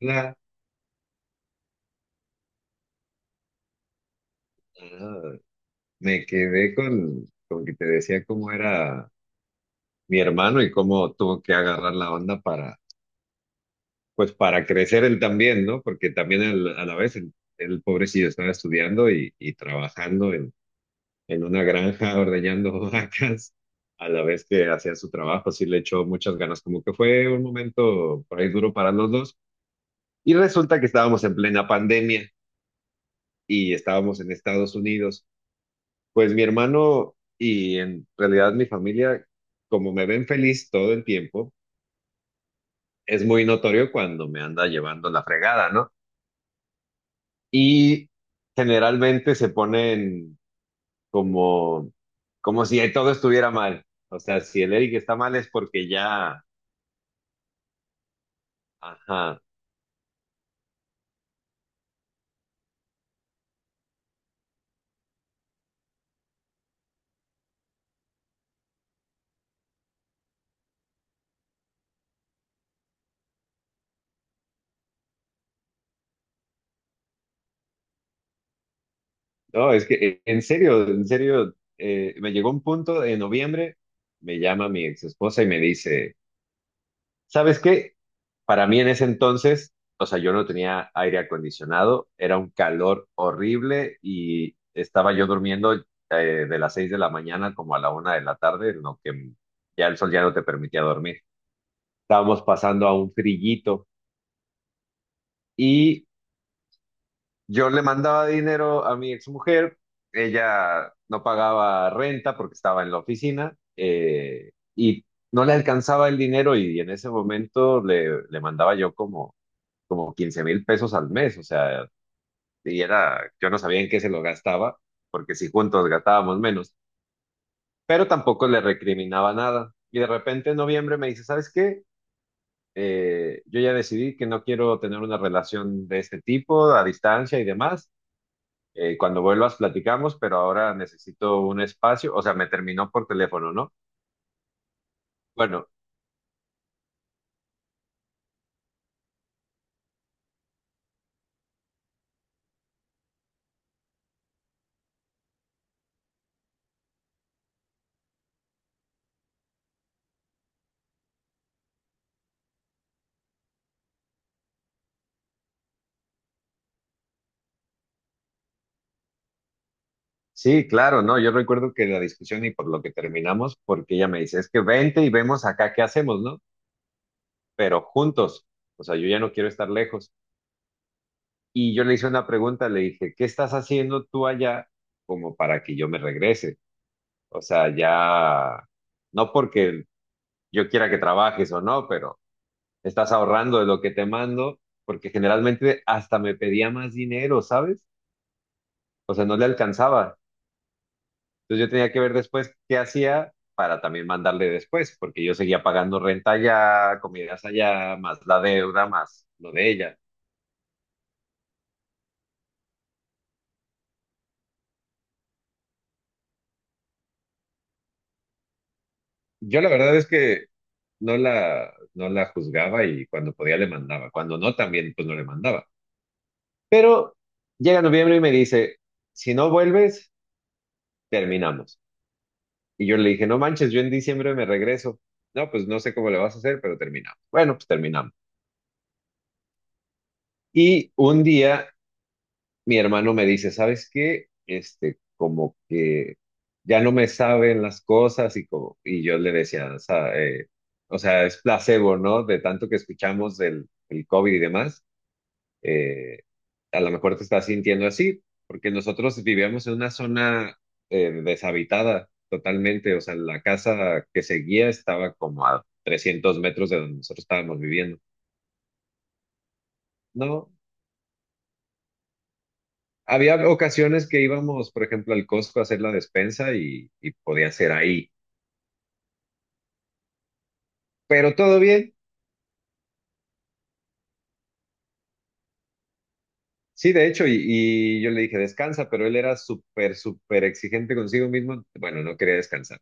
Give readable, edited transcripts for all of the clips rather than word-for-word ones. La, ah, Me quedé con que te decía cómo era mi hermano y cómo tuvo que agarrar la onda pues para crecer él también, ¿no? Porque también él, a la vez pobrecillo estaba estudiando y trabajando en una granja ordeñando vacas, a la vez que hacía su trabajo, sí le echó muchas ganas, como que fue un momento por ahí duro para los dos. Y resulta que estábamos en plena pandemia y estábamos en Estados Unidos. Pues mi hermano y en realidad mi familia, como me ven feliz todo el tiempo, es muy notorio cuando me anda llevando la fregada, ¿no? Y generalmente se ponen como, como si todo estuviera mal. O sea, si el Eric está mal es porque ya, ajá. No, es que en serio, me llegó un punto en noviembre, me llama mi ex esposa y me dice, ¿sabes qué? Para mí en ese entonces, o sea, yo no tenía aire acondicionado, era un calor horrible y estaba yo durmiendo eh, de las 6 de la mañana como a la 1 de la tarde, en lo que ya el sol ya no te permitía dormir. Estábamos pasando a un frillito y yo le mandaba dinero a mi exmujer, ella no pagaba renta porque estaba en la oficina, y no le alcanzaba el dinero y en ese momento le mandaba yo como 15,000 pesos al mes, o sea, y era, yo no sabía en qué se lo gastaba, porque si juntos gastábamos menos, pero tampoco le recriminaba nada. Y de repente en noviembre me dice, ¿sabes qué? Yo ya decidí que no quiero tener una relación de este tipo, a distancia y demás. Cuando vuelvas platicamos, pero ahora necesito un espacio, o sea, me terminó por teléfono, ¿no? Bueno, sí, claro, ¿no? Yo recuerdo que la discusión y por lo que terminamos, porque ella me dice, es que vente y vemos acá qué hacemos, ¿no? Pero juntos. O sea, yo ya no quiero estar lejos. Y yo le hice una pregunta, le dije, ¿qué estás haciendo tú allá como para que yo me regrese? O sea, ya, no porque yo quiera que trabajes o no, pero estás ahorrando de lo que te mando, porque generalmente hasta me pedía más dinero, ¿sabes? O sea, no le alcanzaba. Entonces yo tenía que ver después qué hacía para también mandarle después, porque yo seguía pagando renta allá, comidas allá, más la deuda, más lo de ella. Yo la verdad es que no la juzgaba y cuando podía le mandaba. Cuando no, también pues no le mandaba. Pero llega noviembre y me dice, si no vuelves, terminamos. Y yo le dije, no manches, yo en diciembre me regreso. No, pues no sé cómo le vas a hacer, pero terminamos. Bueno, pues terminamos. Y un día mi hermano me dice, ¿sabes qué? Este, como que ya no me saben las cosas y yo le decía, o sea, es placebo, ¿no? De tanto que escuchamos del el COVID y demás. eh, a lo mejor te estás sintiendo así, porque nosotros vivíamos en una zona deshabitada totalmente, o sea, la casa que seguía estaba como a 300 metros de donde nosotros estábamos viviendo. No, había ocasiones que íbamos, por ejemplo, al Costco a hacer la despensa y podía ser ahí, pero todo bien. Sí, de hecho, y yo le dije, descansa, pero él era súper, súper exigente consigo mismo. Bueno, no quería descansar.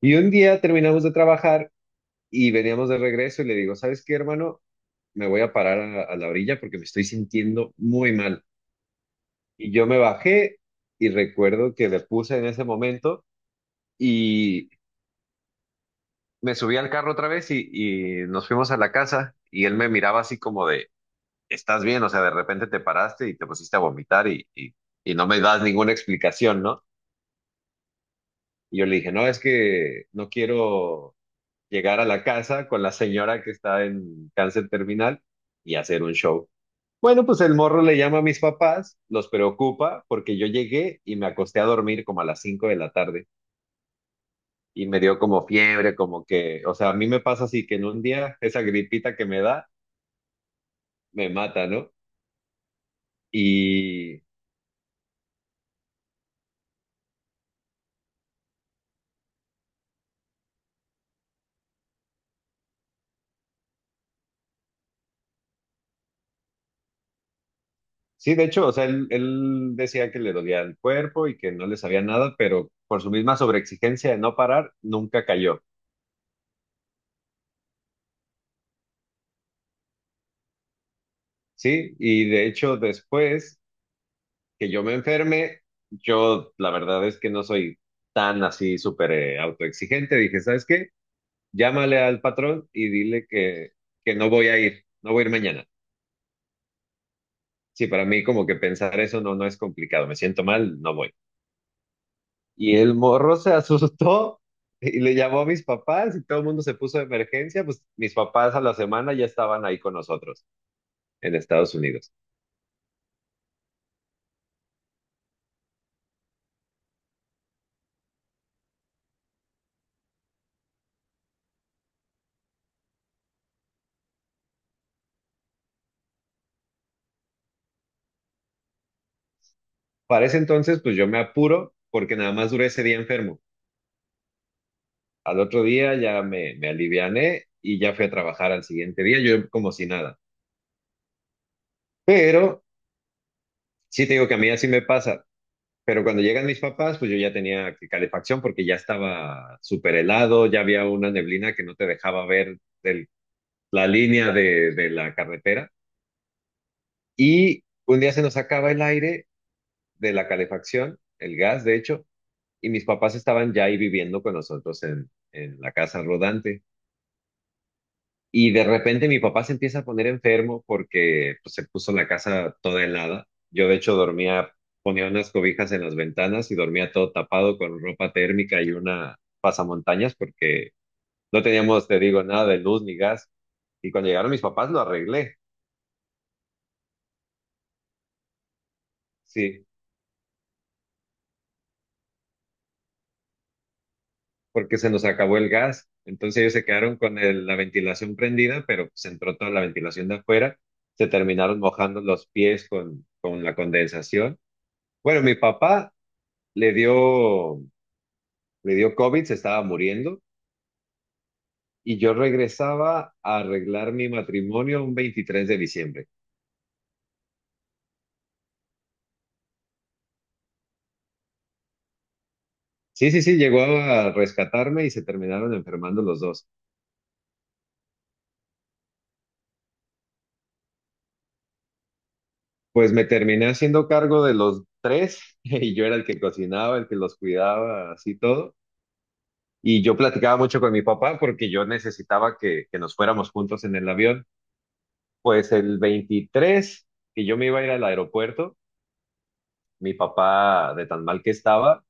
Y un día terminamos de trabajar. Y veníamos de regreso y le digo, ¿sabes qué, hermano? Me voy a parar a la orilla porque me estoy sintiendo muy mal. Y yo me bajé y recuerdo que le puse en ese momento y me subí al carro otra vez y nos fuimos a la casa y él me miraba así como de, ¿estás bien? O sea, de repente te paraste y te pusiste a vomitar y no me das ninguna explicación, ¿no? Y yo le dije, no, es que no quiero llegar a la casa con la señora que está en cáncer terminal y hacer un show. Bueno, pues el morro le llama a mis papás, los preocupa porque yo llegué y me acosté a dormir como a las 5 de la tarde y me dio como fiebre, como que, o sea, a mí me pasa así que en un día esa gripita que me da me mata, ¿no? Y sí, de hecho, o sea, él decía que le dolía el cuerpo y que no le sabía nada, pero por su misma sobreexigencia de no parar, nunca cayó, ¿sí? Y de hecho, después que yo me enferme, yo la verdad es que no soy tan así súper autoexigente. Dije, ¿sabes qué? Llámale al patrón y dile que no voy a ir, no voy a ir mañana. Sí, para mí como que pensar eso no es complicado, me siento mal, no voy. Y el morro se asustó y le llamó a mis papás y todo el mundo se puso de emergencia, pues mis papás a la semana ya estaban ahí con nosotros en Estados Unidos. Para ese entonces, pues yo me apuro porque nada más duré ese día enfermo. Al otro día ya me aliviané y ya fui a trabajar al siguiente día, yo como si nada. Pero sí te digo que a mí así me pasa. Pero cuando llegan mis papás, pues yo ya tenía calefacción porque ya estaba súper helado, ya había una neblina que no te dejaba ver el- la línea de la carretera. Y un día se nos acaba el aire de la calefacción, el gas, de hecho, y mis papás estaban ya ahí viviendo con nosotros en la casa rodante. Y de repente mi papá se empieza a poner enfermo porque pues, se puso la casa toda helada. Yo de hecho dormía, ponía unas cobijas en las ventanas y dormía todo tapado con ropa térmica y una pasamontañas porque no teníamos, te digo, nada de luz ni gas. Y cuando llegaron mis papás lo arreglé, sí, porque se nos acabó el gas. Entonces ellos se quedaron con la ventilación prendida, pero pues entró toda la ventilación de afuera. Se terminaron mojando los pies con la condensación. Bueno, mi papá le dio Le dio COVID, se estaba muriendo y yo regresaba a arreglar mi matrimonio un 23 de diciembre. Sí, sí, sí, llegó a rescatarme y se terminaron enfermando los dos. Pues me terminé haciendo cargo de los tres y yo era el que cocinaba, el que los cuidaba, así todo. Y yo platicaba mucho con mi papá porque yo necesitaba que nos fuéramos juntos en el avión. Pues el 23 que yo me iba a ir al aeropuerto, mi papá, de tan mal que estaba,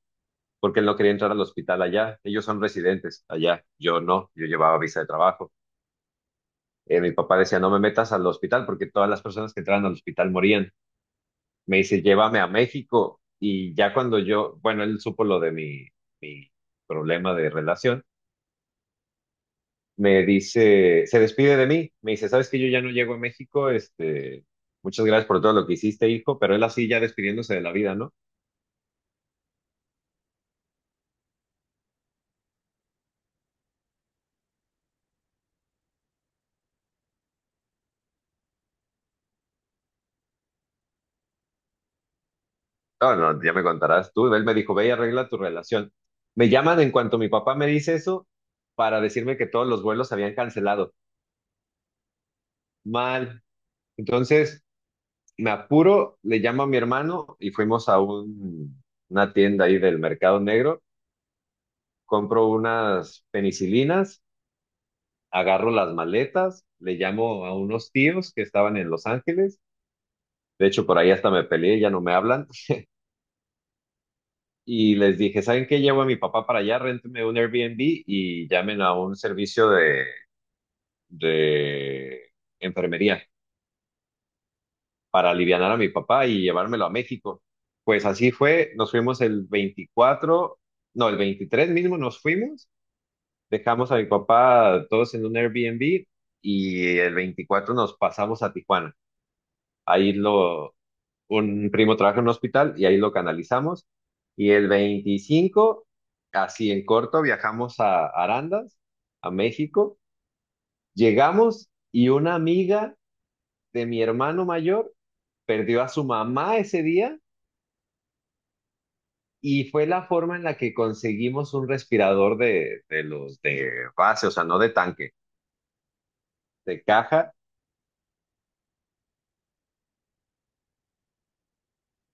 porque él no quería entrar al hospital allá. Ellos son residentes allá, yo no, yo llevaba visa de trabajo. Mi papá decía, no me metas al hospital porque todas las personas que entraban al hospital morían. Me dice, llévame a México. Y ya cuando yo, bueno, él supo lo de mi problema de relación, me dice, se despide de mí, me dice, sabes que yo ya no llego a México, este, muchas gracias por todo lo que hiciste, hijo, pero él así ya despidiéndose de la vida, ¿no? No, no, ya me contarás tú. Él me dijo, ve y arregla tu relación. Me llaman en cuanto mi papá me dice eso para decirme que todos los vuelos se habían cancelado. Mal. Entonces, me apuro, le llamo a mi hermano y fuimos a una tienda ahí del mercado negro. Compro unas penicilinas, agarro las maletas, le llamo a unos tíos que estaban en Los Ángeles. De hecho, por ahí hasta me peleé, ya no me hablan. Y les dije, ¿saben qué? Llevo a mi papá para allá, réntenme un Airbnb y llamen a un servicio de enfermería para aliviar a mi papá y llevármelo a México. Pues así fue, nos fuimos el 24, no, el 23 mismo nos fuimos, dejamos a mi papá todos en un Airbnb y el 24 nos pasamos a Tijuana. Ahí lo, un primo trabaja en un hospital y ahí lo canalizamos. Y el 25 así en corto, viajamos a Arandas, a México. Llegamos y una amiga de mi hermano mayor perdió a su mamá ese día y fue la forma en la que conseguimos un respirador de los de base, o sea, no de tanque, de caja.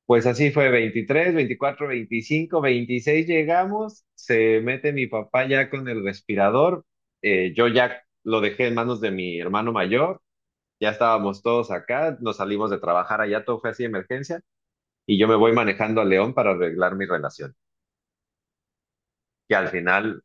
Pues así fue, 23, 24, 25, 26 llegamos, se mete mi papá ya con el respirador, yo ya lo dejé en manos de mi hermano mayor, ya estábamos todos acá, nos salimos de trabajar allá, todo fue así de emergencia, y yo me voy manejando a León para arreglar mi relación. Y al final,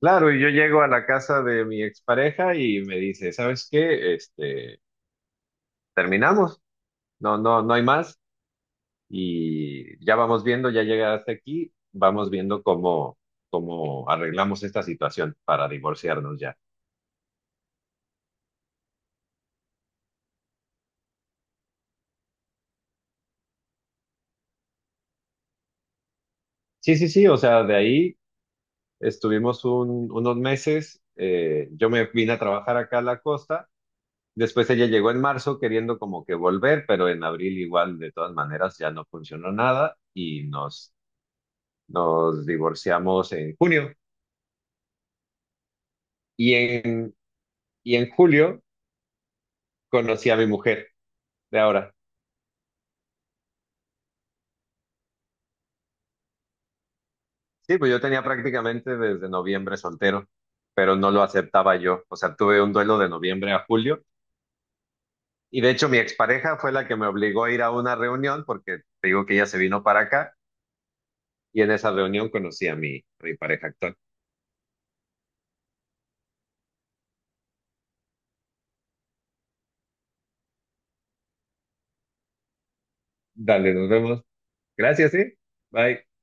claro, y yo llego a la casa de mi expareja y me dice, ¿sabes qué? Este, terminamos, no, no, no hay más. Y ya vamos viendo, ya llegaste aquí, vamos viendo cómo arreglamos esta situación para divorciarnos ya. Sí, sí, sí, o sea, de ahí estuvimos unos meses, yo me vine a trabajar acá a la costa, después ella llegó en marzo queriendo como que volver, pero en abril igual de todas maneras ya no funcionó nada y nos divorciamos en junio y en, y en julio conocí a mi mujer de ahora. Sí, pues yo tenía prácticamente desde noviembre soltero, pero no lo aceptaba yo. O sea, tuve un duelo de noviembre a julio y de hecho mi expareja fue la que me obligó a ir a una reunión porque te digo que ella se vino para acá y en esa reunión conocí a mi pareja actual. Dale, nos vemos. Gracias, sí. Bye.